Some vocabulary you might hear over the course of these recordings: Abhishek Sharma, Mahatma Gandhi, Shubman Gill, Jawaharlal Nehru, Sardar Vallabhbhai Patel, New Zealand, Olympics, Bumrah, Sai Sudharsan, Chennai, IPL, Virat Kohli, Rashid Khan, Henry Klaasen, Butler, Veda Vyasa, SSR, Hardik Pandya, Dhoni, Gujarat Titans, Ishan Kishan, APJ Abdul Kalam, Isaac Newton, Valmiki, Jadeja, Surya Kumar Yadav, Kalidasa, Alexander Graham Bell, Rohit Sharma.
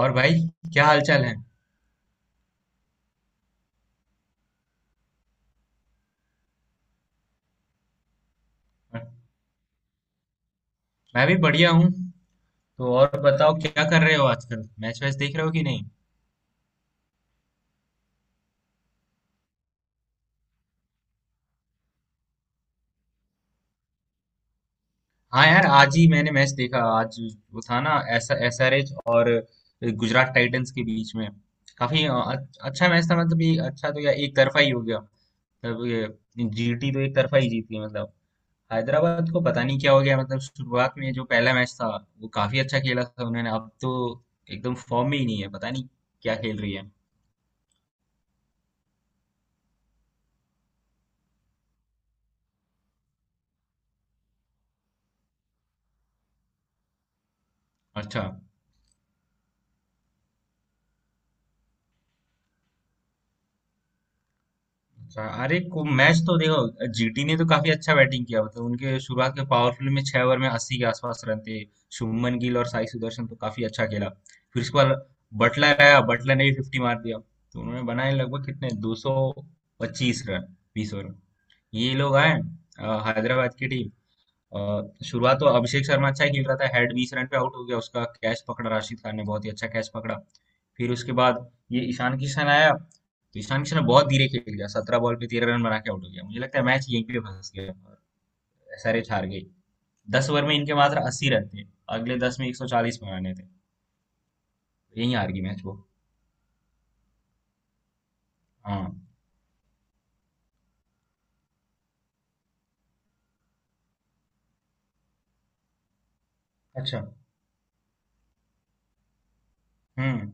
और भाई, क्या हालचाल है। मैं भी बढ़िया हूँ। तो और बताओ क्या कर रहे हो आजकल, मैच वैच देख रहे हो कि नहीं? हाँ यार, आज ही मैंने मैच देखा आज। वो था ना एस एस आर एच और गुजरात टाइटंस के बीच में। काफी अच्छा मैच था। मतलब ये अच्छा तो, या एक तरफा ही हो गया। मतलब जीटी तो एक तरफा ही जीती। मतलब हैदराबाद को पता नहीं क्या हो गया। मतलब शुरुआत में जो पहला मैच था वो काफी अच्छा खेला था उन्होंने, अब तो एकदम फॉर्म में ही नहीं है, पता नहीं क्या खेल रही है। अच्छा। अच्छा, अरे को मैच तो देखो, जीटी ने तो काफी अच्छा बैटिंग किया। मतलब उनके शुरुआत के पावरफुल में 6 ओवर में 80 के आसपास रन थे। शुभमन गिल और साई सुदर्शन तो काफी अच्छा खेला। फिर उसके बाद बटलर आया, बटलर ने भी फिफ्टी मार दिया। तो उन्होंने बनाए लगभग, कितने, 225 रन, 20 ओवर में। ये लोग आए, हैदराबाद की टीम। अ, शुरुआत तो अभिषेक शर्मा अच्छा ही खेल रहा था, हेड 20 रन पे आउट हो गया, उसका कैच पकड़ा राशिद खान ने, बहुत ही अच्छा कैच पकड़ा। फिर उसके बाद ये ईशान किशन आया। तो ईशान किशन ने बहुत धीरे खेल गया, 17 बॉल पे 13 रन बना के आउट हो गया। मुझे लगता है मैच यहीं पे फंस गया और एसआरएच हार गई। 10 ओवर में इनके मात्र 80 रन थे, अगले 10 में 140 बनाने थे। यहीं हार गई मैच वो। हाँ। अच्छा। हम्म।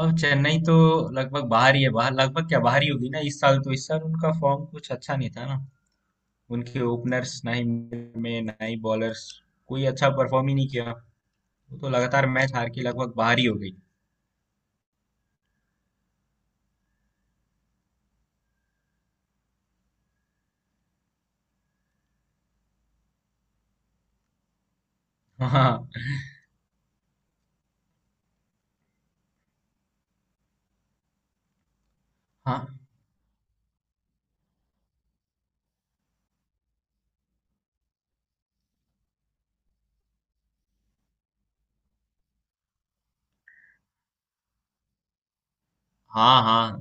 अब चेन्नई तो लगभग बाहर ही है, बाहर लगभग क्या, बाहर ही होगी ना इस साल तो। इस साल उनका फॉर्म कुछ अच्छा नहीं था ना, उनके ओपनर्स, ना ही middle में, ना ही बॉलर्स, कोई अच्छा परफॉर्म ही नहीं किया। वो तो लगातार मैच हार के लगभग बाहर ही हो गई। हाँ, हाँ। हाँ, हाँ।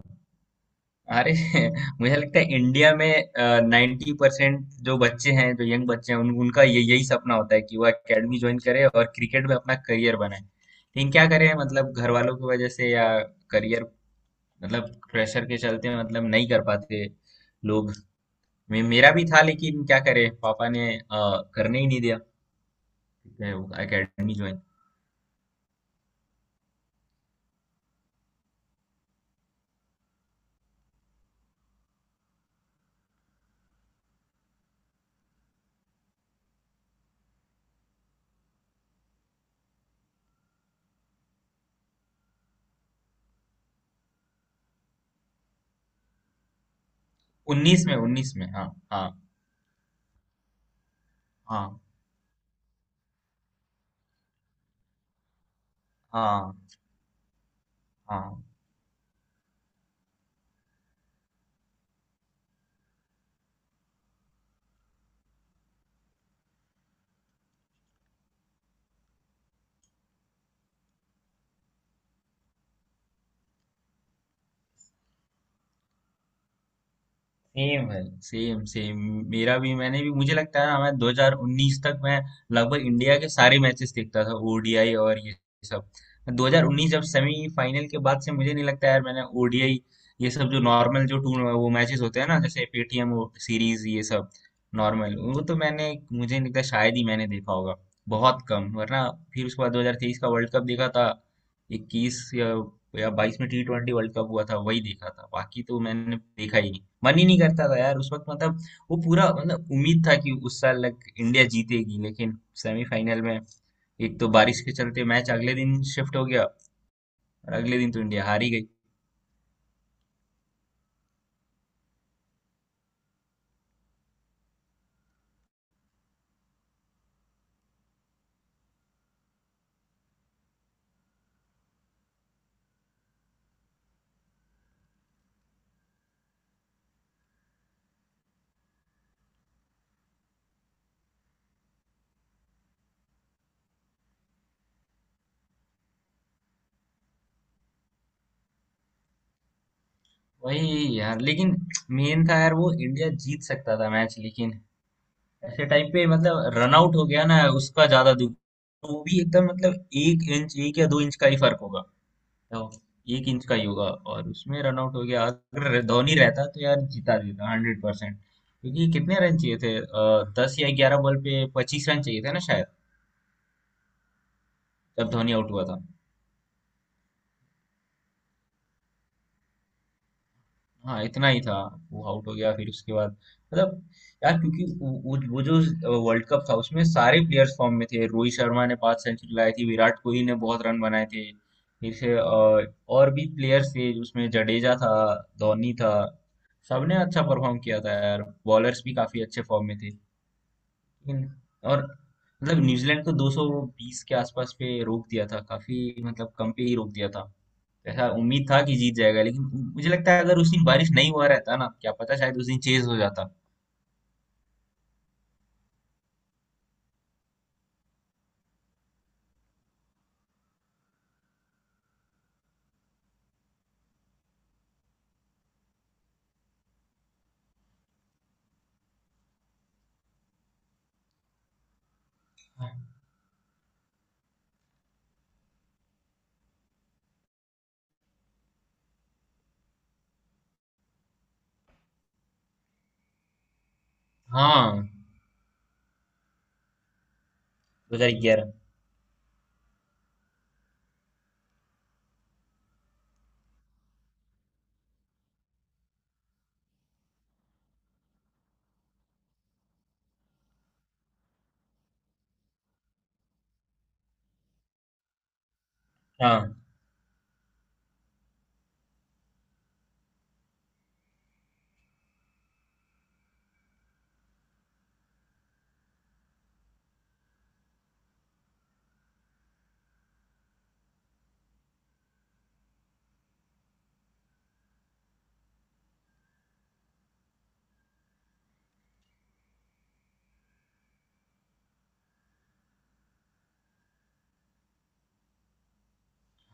अरे मुझे लगता है इंडिया में 90% जो बच्चे हैं, जो यंग बच्चे हैं, उनका ये यही सपना होता है कि वो एकेडमी ज्वाइन करे और क्रिकेट में अपना करियर बनाए, लेकिन क्या करें, मतलब घर वालों की वजह से, या करियर, मतलब प्रेशर के चलते मतलब नहीं कर पाते लोग। मेरा भी था, लेकिन क्या करें, पापा ने करने ही नहीं दिया एकेडमी ज्वाइन। उन्नीस में, उन्नीस में। हाँ। हाँ, हाँ, हाँ, हाँ। सेम है, सेम सेम। मेरा भी, मैंने भी, मुझे लगता है ना, मैं 2019 तक मैं लगभग इंडिया के सारे मैचेस देखता था, ओडीआई और ये सब। 2019 जब सेमीफाइनल के बाद से मुझे नहीं लगता यार मैंने ओडीआई ये सब जो नॉर्मल जो टूर वो मैचेस होते हैं ना, जैसे पेटीएम सीरीज ये सब नॉर्मल वो, तो मैंने, मुझे नहीं लगता शायद ही मैंने देखा होगा, बहुत कम, वरना। फिर उसके बाद 2023 का वर्ल्ड कप देखा था। 21 या 22 में टी ट्वेंटी वर्ल्ड कप हुआ था, वही देखा था। बाकी तो मैंने देखा ही नहीं, मन ही नहीं करता था यार उस वक्त। मतलब वो पूरा, मतलब उम्मीद था कि उस साल लग इंडिया जीतेगी, लेकिन सेमीफाइनल में एक तो बारिश के चलते मैच अगले दिन शिफ्ट हो गया और अगले दिन तो इंडिया हार ही गई। वही यार, लेकिन मेन था यार, वो इंडिया जीत सकता था मैच, लेकिन ऐसे टाइम पे मतलब रन आउट हो गया ना, उसका ज्यादा दुख। वो भी एकदम, मतलब एक इंच, एक या दो इंच का ही फर्क होगा, तो एक इंच का ही होगा। और उसमें रन आउट हो गया, अगर धोनी रहता तो यार जीता देता 100%। क्योंकि कितने रन चाहिए थे, 10 या 11 बॉल पे 25 रन चाहिए थे ना शायद, जब धोनी आउट हुआ था। हाँ इतना ही था। वो आउट हो गया, फिर उसके बाद मतलब, यार क्योंकि वो जो वर्ल्ड कप था, उसमें सारे प्लेयर्स फॉर्म में थे, रोहित शर्मा ने 5 सेंचुरी लाई थी, विराट कोहली ने बहुत रन बनाए थे। फिर से और भी प्लेयर्स थे उसमें, जडेजा था, धोनी था, सबने अच्छा परफॉर्म किया था यार, बॉलर्स भी काफी अच्छे फॉर्म में थे, लेकिन, और, मतलब न्यूजीलैंड को 220 के आसपास पे रोक दिया था, काफी मतलब कम पे ही रोक दिया था। ऐसा उम्मीद था कि जीत जाएगा, लेकिन मुझे लगता है अगर उस दिन बारिश नहीं हुआ रहता ना, क्या पता शायद उस दिन चेज हो जाता। हाँ। 2011। हाँ।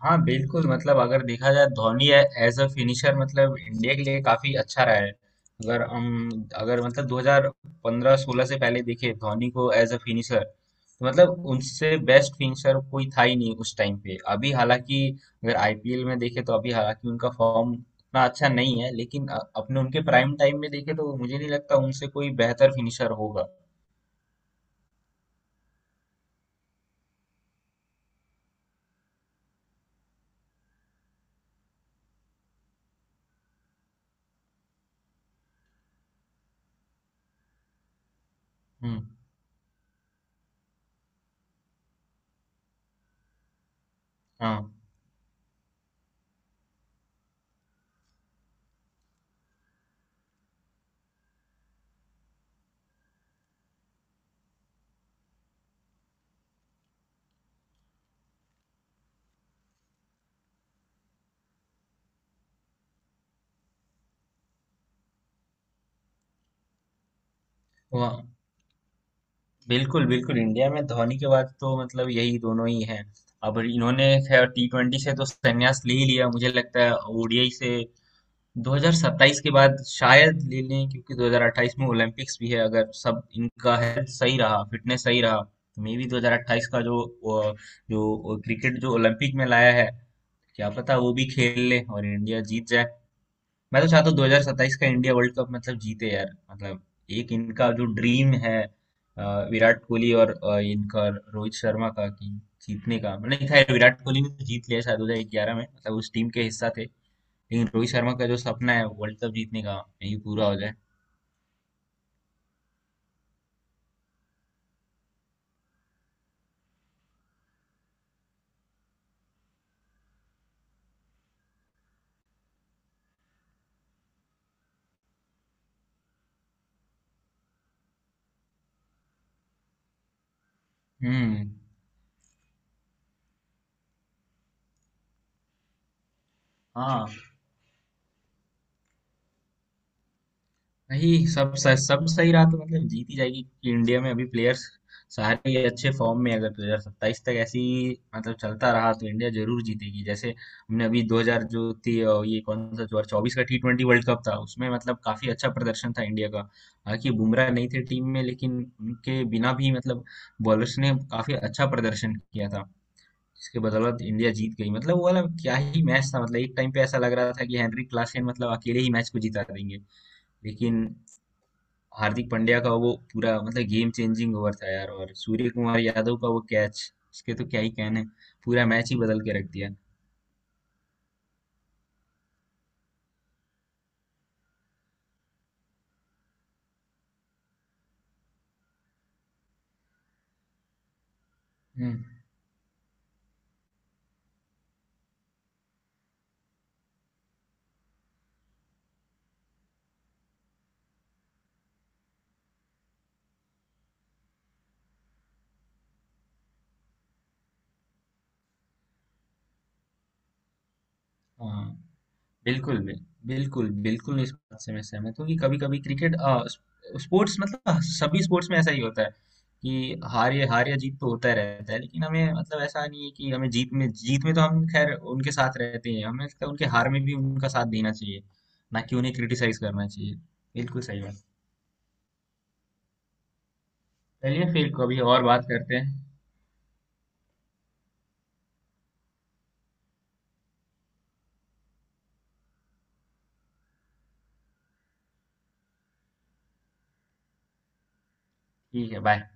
हाँ बिल्कुल, मतलब अगर देखा जाए, धोनी एज अ फिनिशर, मतलब इंडिया के लिए काफी अच्छा रहा है। अगर हम, अगर मतलब 2015-16 से पहले देखे धोनी को एज अ फिनिशर, तो मतलब उनसे बेस्ट फिनिशर कोई था ही नहीं उस टाइम पे। अभी हालांकि अगर आईपीएल में देखे तो अभी हालांकि उनका फॉर्म उतना अच्छा नहीं है, लेकिन अपने उनके प्राइम टाइम में देखे तो मुझे नहीं लगता उनसे कोई बेहतर फिनिशर होगा। हम्म। हाँ बिल्कुल बिल्कुल, इंडिया में धोनी के बाद तो मतलब यही दोनों ही हैं। अब इन्होंने खैर टी ट्वेंटी से तो संन्यास ले ही लिया मुझे लगता है, ओडीआई से 2027 के बाद शायद ले लें, क्योंकि 2028 में ओलंपिक्स भी है। अगर सब इनका हेल्थ सही रहा, फिटनेस सही रहा, तो मे बी 2028 का जो वो- जो क्रिकेट जो ओलंपिक में लाया है, क्या पता वो भी खेल ले और इंडिया जीत जाए। मैं तो चाहता हूँ 2027 का इंडिया वर्ल्ड कप मतलब जीते यार। मतलब एक इनका जो ड्रीम है, अ, विराट कोहली और इनका रोहित शर्मा का, कि जीतने का, मतलब खैर विराट कोहली ने तो जीत लिया शायद 2011 में, मतलब उस टीम के हिस्सा थे, लेकिन रोहित शर्मा का जो सपना है वर्ल्ड कप जीतने का, ये पूरा हो जाए। हम्म। हाँ नहीं, सब सब सही रहा तो मतलब जीत ही जाएगी, क्योंकि इंडिया में अभी प्लेयर्स सारे ही अच्छे फॉर्म में हैं। अगर 2027 तक ऐसी मतलब चलता रहा तो इंडिया जरूर जीतेगी। जैसे हमने अभी 2000 जो थी, ये कौन सा 2024 का टी ट्वेंटी वर्ल्ड कप था, उसमें मतलब काफी अच्छा प्रदर्शन था इंडिया का, हालांकि बुमराह नहीं थे टीम में, लेकिन उनके बिना भी मतलब बॉलर्स ने काफी अच्छा प्रदर्शन किया था, जिसके बदौलत इंडिया जीत गई। मतलब वो वाला क्या ही मैच था, मतलब एक टाइम पे ऐसा लग रहा था कि हेनरी क्लासेन मतलब अकेले ही मैच को जिता देंगे, लेकिन हार्दिक पांड्या का वो पूरा, मतलब गेम चेंजिंग ओवर था यार, और सूर्य कुमार यादव का वो कैच, उसके तो क्या ही कहने, पूरा मैच ही बदल के रख दिया। हम्म। हाँ बिल्कुल, बिल्कुल, बिल्कुल इस बात से मैं सहमत हूँ कि कभी कभी क्रिकेट, स्पोर्ट्स, मतलब सभी स्पोर्ट्स में ऐसा ही होता है, कि हार, या हार या जीत तो होता रहता है, लेकिन हमें, मतलब ऐसा नहीं है कि हमें जीत में, जीत में तो हम खैर उनके साथ रहते हैं, हमें लगता है उनके हार में भी उनका साथ देना चाहिए, ना कि उन्हें क्रिटिसाइज करना चाहिए। बिल्कुल सही। चलिए फिर कभी और बात करते हैं। ठीक है, बाय।